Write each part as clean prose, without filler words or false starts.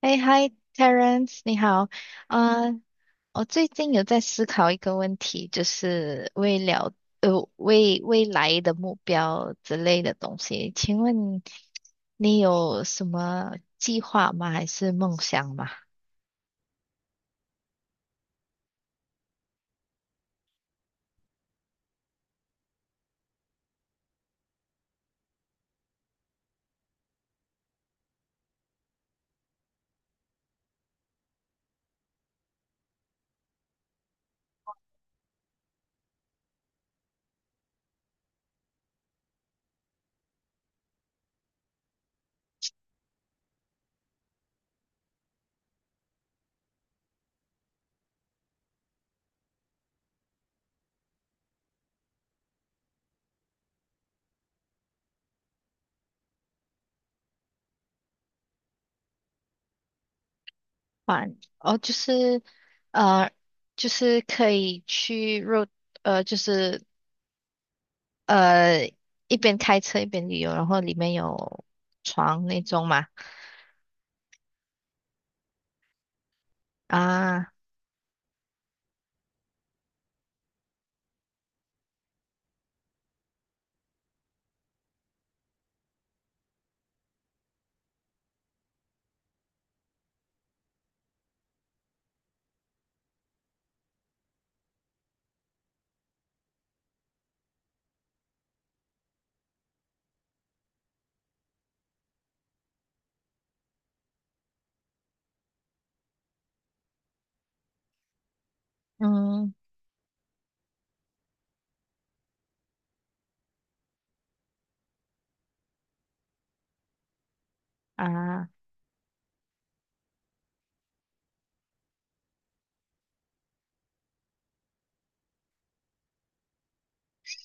哎 i t e r e n c e 你好。啊，我最近有在思考一个问题，就是未了呃未未来的目标之类的东西。请问你有什么计划吗？还是梦想吗？啊，哦，就是呃，就是可以去 road 就是呃一边开车一边旅游，然后里面有床那种嘛。啊，嗯啊。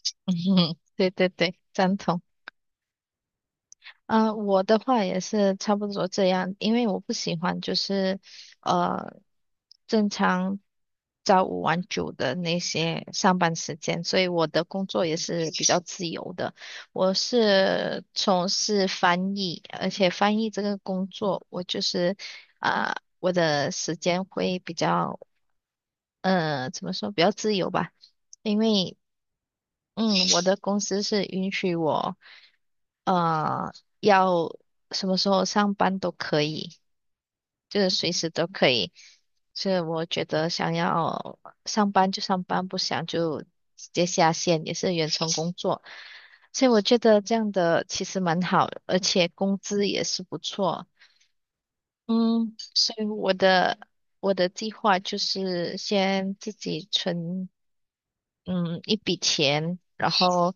嗯哼，对对对，赞同。啊、我的话也是差不多这样，因为我不喜欢就是呃正常朝五晚九的那些上班时间，所以我的工作也是比较自由的。我是从事翻译，而且翻译这个工作，我就是啊、我的时间会比较怎么说比较自由吧。因为嗯，我的公司是允许我，呃，要什么时候上班都可以，就是随时都可以。所以我觉得想要上班就上班，不想就直接下线，也是远程工作。所以我觉得这样的其实蛮好，而且工资也是不错。嗯，所以我的计划就是先自己存，嗯，一笔钱，然后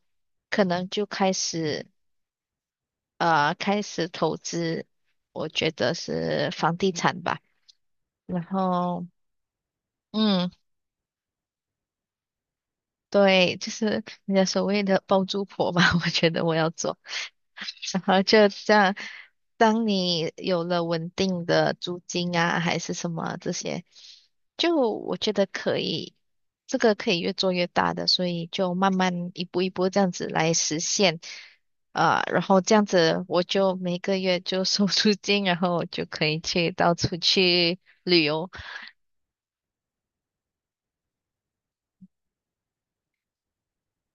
可能就开始投资，我觉得是房地产吧。然后嗯，对，就是人家所谓的包租婆吧，我觉得我要做。然后就这样，当你有了稳定的租金啊，还是什么这些，就我觉得可以，这个可以越做越大的，所以就慢慢一步一步这样子来实现，啊、然后这样子我就每个月就收 租金，然后就可以去到处去旅游。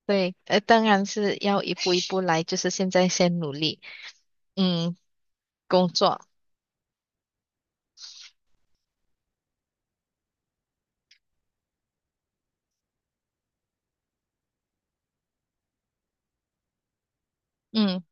对，当然是要一步一步来，就是现在先努力。嗯，工作，嗯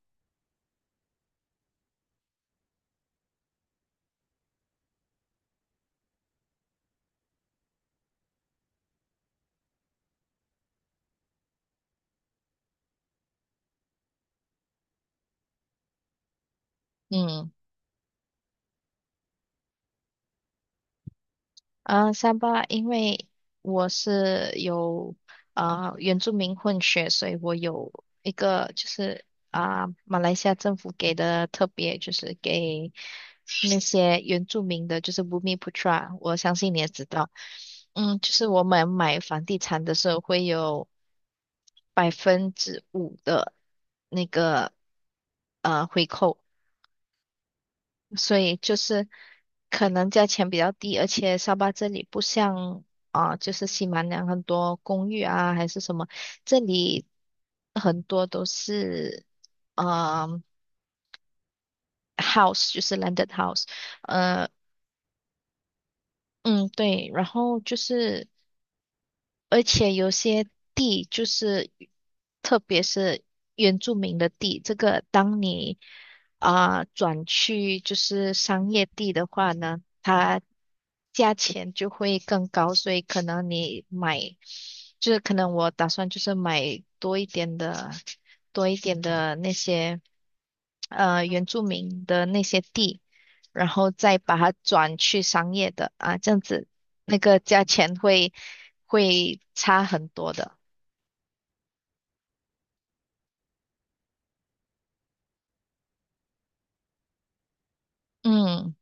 嗯，三巴，因为我是有啊、原住民混血，所以我有一个就是啊、马来西亚政府给的特别，就是给那些原住民的，就是 Bumi p 我相信你也知道，嗯，就是我们买房地产的时候会有5%的那个回扣。所以就是可能价钱比较低，而且沙巴这里不像啊、就是西马两很多公寓啊还是什么，这里很多都是嗯、呃 house，就是 landed house，呃嗯对，然后就是。而且有些地就是，特别是原住民的地，这个当你啊、转去就是商业地的话呢，它价钱就会更高，所以可能你买，就是可能我打算就是买多一点的，多一点的那些原住民的那些地，然后再把它转去商业的啊，这样子那个价钱会差很多的。嗯，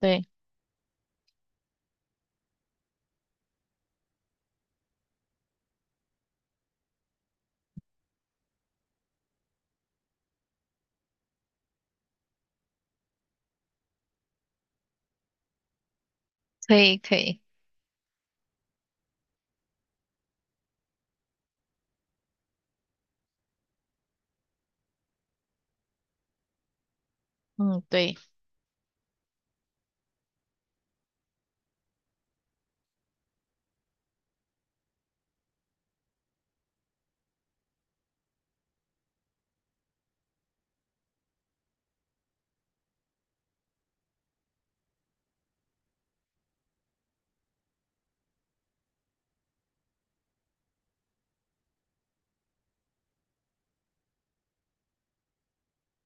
对，可以可以，嗯，对，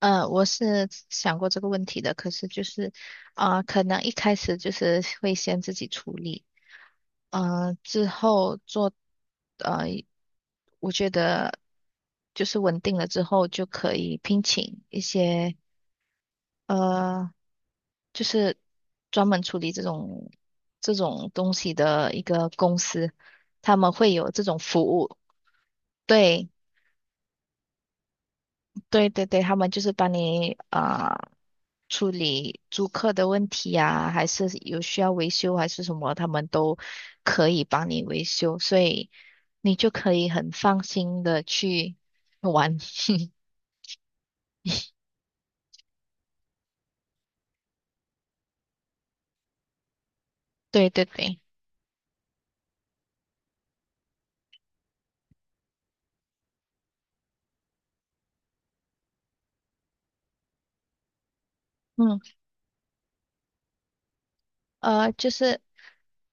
嗯，我是想过这个问题的，可是就是，啊、可能一开始就是会先自己处理，嗯，之后做，呃，我觉得就是稳定了之后就可以聘请一些呃就是专门处理这种东西的一个公司，他们会有这种服务。对对对对，他们就是帮你啊、处理租客的问题呀、还是有需要维修还是什么，他们都可以帮你维修，所以你就可以很放心的去玩。对对对，嗯，就是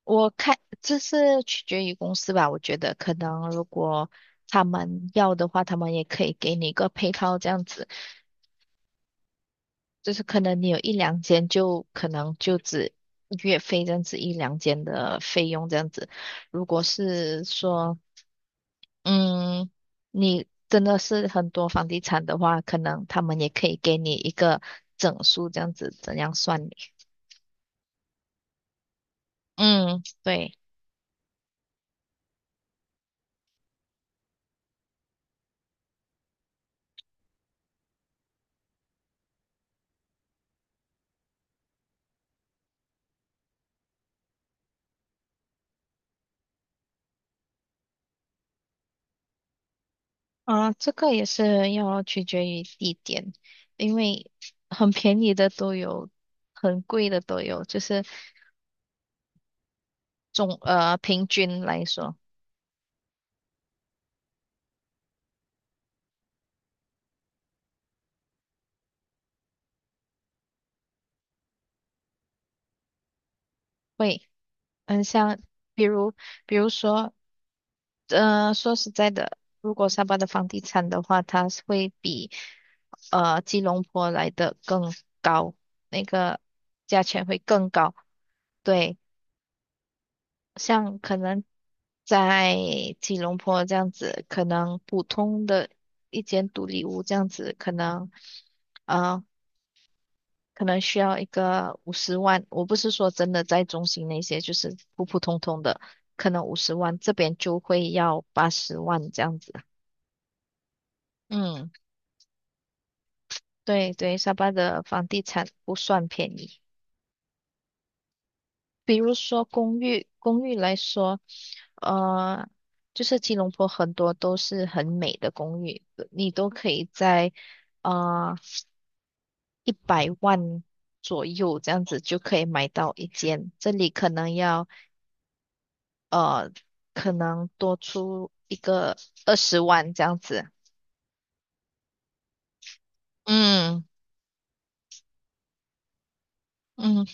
我看这是取决于公司吧，我觉得可能如果他们要的话，他们也可以给你一个配套这样子，就是可能你有一两间就可能就只月费这样子一两间的费用这样子。如果是说，嗯，你真的是很多房地产的话，可能他们也可以给你一个整数这样子，怎样算你？嗯，对。啊，这个也是要取决于地点，因为很便宜的都有，很贵的都有，就是平均来说会嗯，像，比如比如说说实在的，如果沙巴的房地产的话，它是会比吉隆坡来的更高，那个价钱会更高，对。像可能在吉隆坡这样子，可能普通的一间独立屋这样子，呃，可能需要一个五十万。我不是说真的在中心那些，就是普普通通的，可能五十万，这边就会要800,000这样子。嗯，对对，沙巴的房地产不算便宜。比如说公寓，公寓来说，呃，就是吉隆坡很多都是很美的公寓，你都可以在呃1,000,000左右这样子就可以买到一间，这里可能要呃可能多出一个200,000这样子。嗯嗯，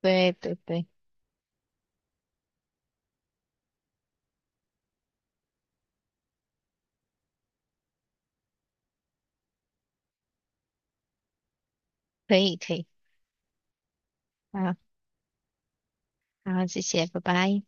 对对对，可以可以，啊好，谢谢，拜拜。